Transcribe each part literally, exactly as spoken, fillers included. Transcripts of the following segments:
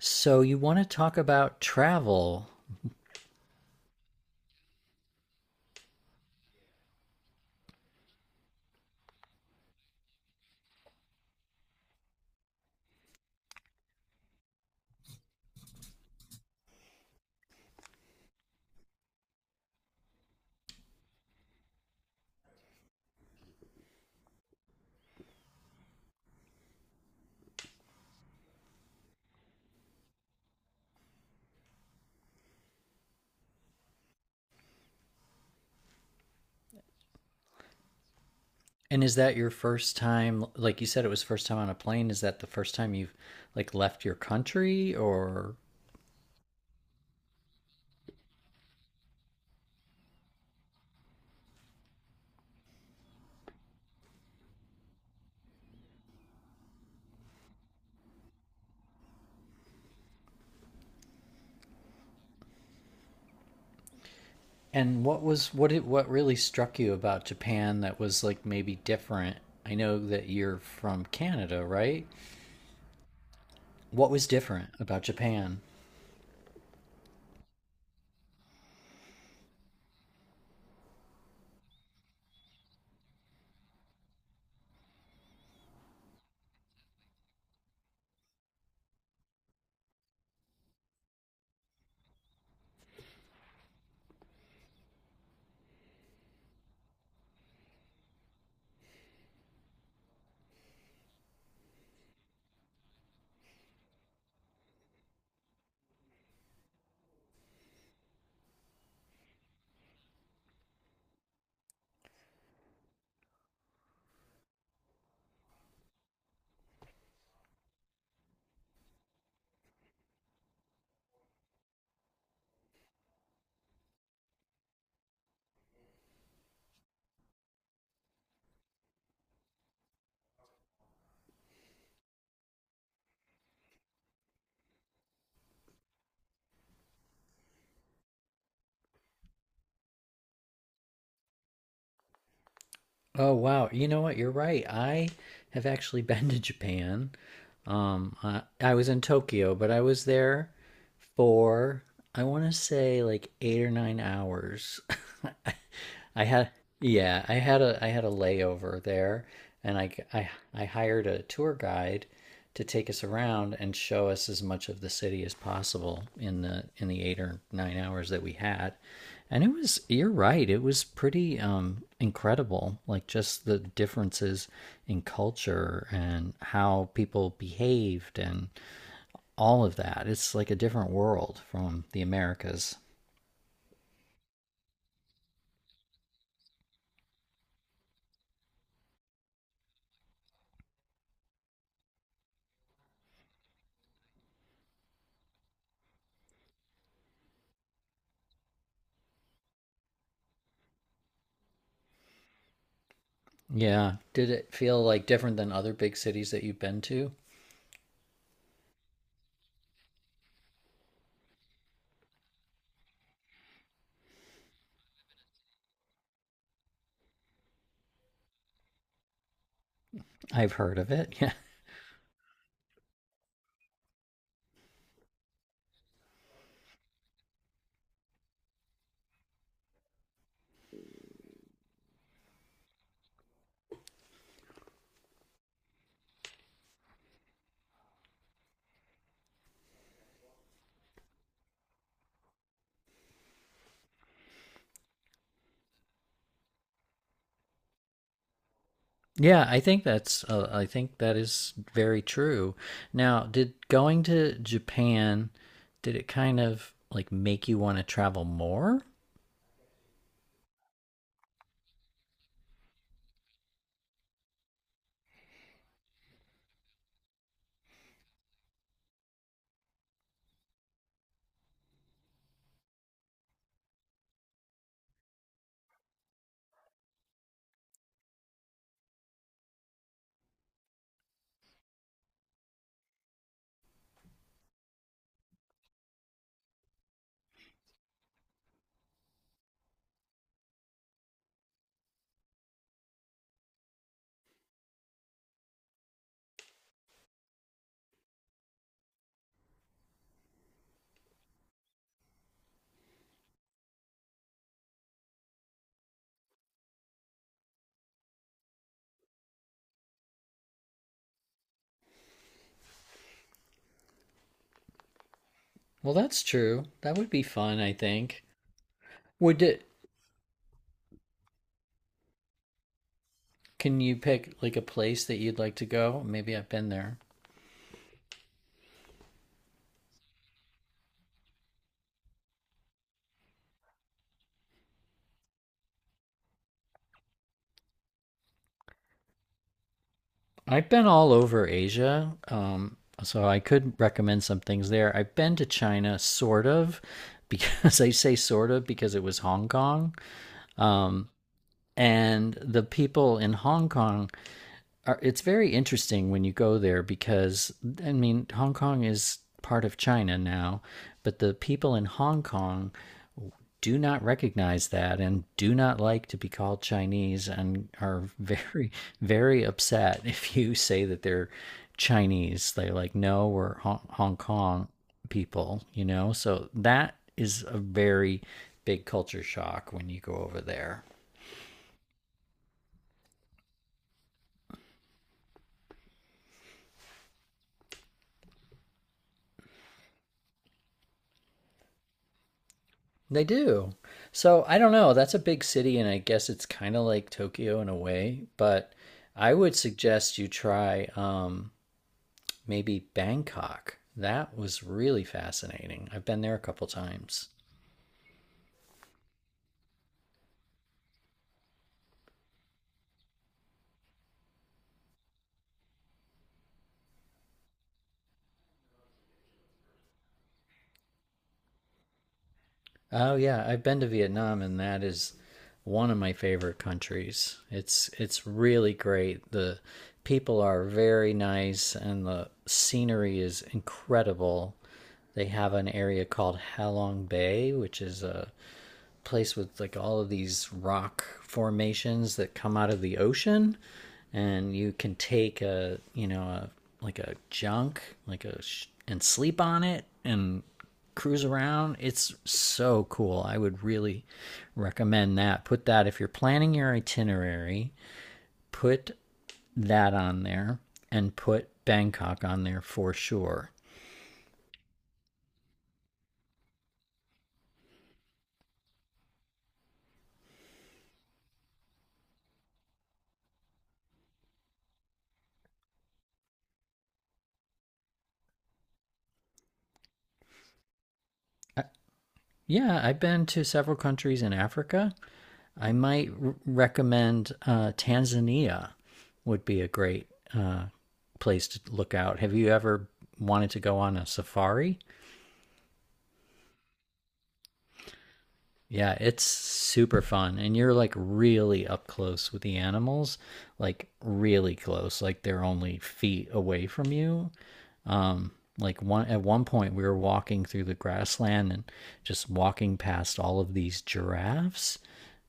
So you want to talk about travel. And is that your first time, like you said it was first time on a plane, is that the first time you've like left your country? Or and what was what it what really struck you about Japan that was like maybe different? I know that you're from Canada, right? What was different about Japan? Oh wow, you know what? You're right. I have actually been to Japan. Um, I, I was in Tokyo, but I was there for, I want to say, like eight or nine hours. I had yeah, I had a I had a layover there, and I g- I I hired a tour guide to take us around and show us as much of the city as possible in the in the eight or nine hours that we had. And it was, you're right, it was pretty um, incredible. Like just the differences in culture and how people behaved and all of that. It's like a different world from the Americas. Yeah. Did it feel like different than other big cities that you've been to? I've heard of it. Yeah. Yeah, I think that's uh, I think that is very true. Now, did going to Japan, did it kind of like make you want to travel more? Well, that's true. That would be fun, I think. Would it? Can you pick like a place that you'd like to go? Maybe I've been there. I've been all over Asia, um, so I could recommend some things there. I've been to China, sort of, because I say sort of because it was Hong Kong. Um, and the people in Hong Kong are, it's very interesting when you go there because, I mean, Hong Kong is part of China now, but the people in Hong Kong do not recognize that and do not like to be called Chinese and are very, very upset if you say that they're Chinese. They're like, no, we're Hong Kong people, you know? So that is a very big culture shock when you go over there. They do. So I don't know. That's a big city, and I guess it's kind of like Tokyo in a way, but I would suggest you try um, maybe Bangkok. That was really fascinating. I've been there a couple times. Oh yeah, I've been to Vietnam and that is one of my favorite countries. It's it's really great. The people are very nice and the scenery is incredible. They have an area called Halong Bay, which is a place with like all of these rock formations that come out of the ocean, and you can take a, you know, a like a junk, like a sh- and sleep on it and cruise around. It's so cool. I would really recommend that. Put that, if you're planning your itinerary, put that on there, and put Bangkok on there for sure. Uh, yeah, I've been to several countries in Africa. I might r- recommend uh, Tanzania would be a great uh, place to look out. Have you ever wanted to go on a safari? Yeah, it's super fun, and you're like really up close with the animals, like really close, like they're only feet away from you. Like one at one point, we were walking through the grassland and just walking past all of these giraffes.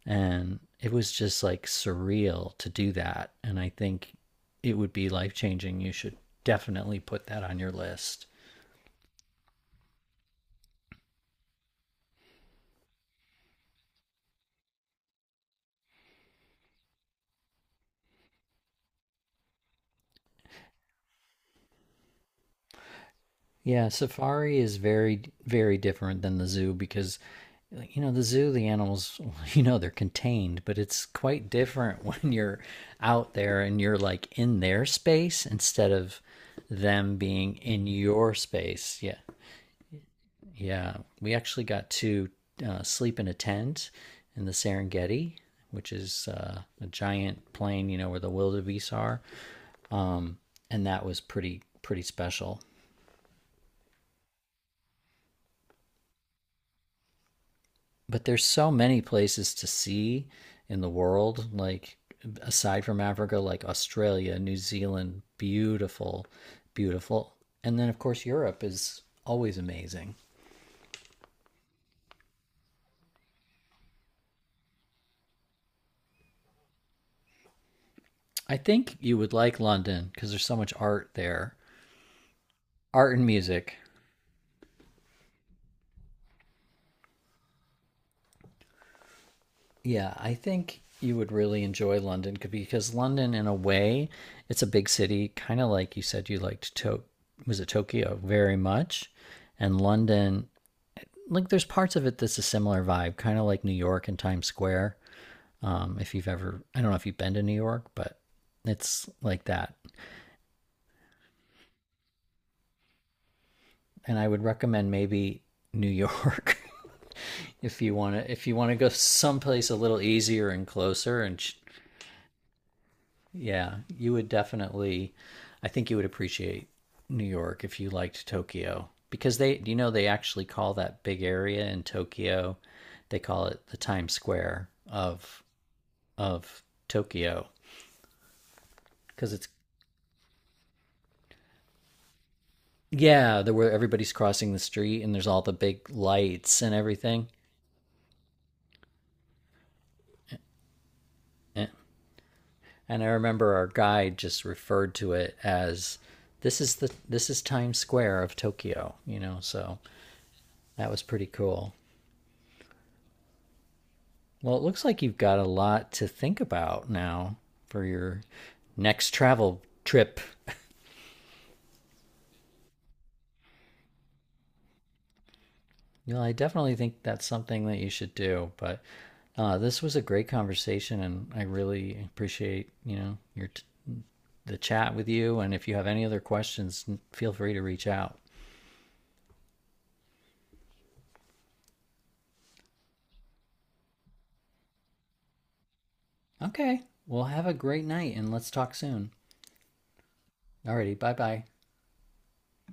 And it was just like surreal to do that. And I think it would be life changing. You should definitely put that on your list. Yeah, safari is very, very different than the zoo because, like, you know, the zoo, the animals, you know, they're contained, but it's quite different when you're out there and you're like in their space instead of them being in your space. Yeah. Yeah, we actually got to uh, sleep in a tent in the Serengeti, which is uh, a giant plain, you know, where the wildebeest are, and that was pretty pretty special. But there's so many places to see in the world, like aside from Africa, like Australia, New Zealand, beautiful, beautiful. And then of course Europe is always amazing. I think you would like London because there's so much art there. Art and music. Yeah, I think you would really enjoy London c- because London, in a way, it's a big city, kind of like you said you liked to, was it Tokyo, very much, and London, like there's parts of it that's a similar vibe, kind of like New York and Times Square. Um, if you've ever, I don't know if you've been to New York, but it's like that. And I would recommend maybe New York if you want to if you want to go someplace a little easier and closer and ch- Yeah, you would definitely. I think you would appreciate New York if you liked Tokyo because they, you know, they actually call that big area in Tokyo, they call it the Times Square of of Tokyo because it's, yeah, there where everybody's crossing the street and there's all the big lights and everything. And and I remember our guide just referred to it as, this is the, this is Times Square of Tokyo, you know, so that was pretty cool. Well, it looks like you've got a lot to think about now for your next travel trip. You know, I definitely think that's something that you should do. But uh, this was a great conversation, and I really appreciate, you know, your t- the chat with you. And if you have any other questions, feel free to reach out. Okay, well, have a great night, and let's talk soon. Alrighty, bye bye.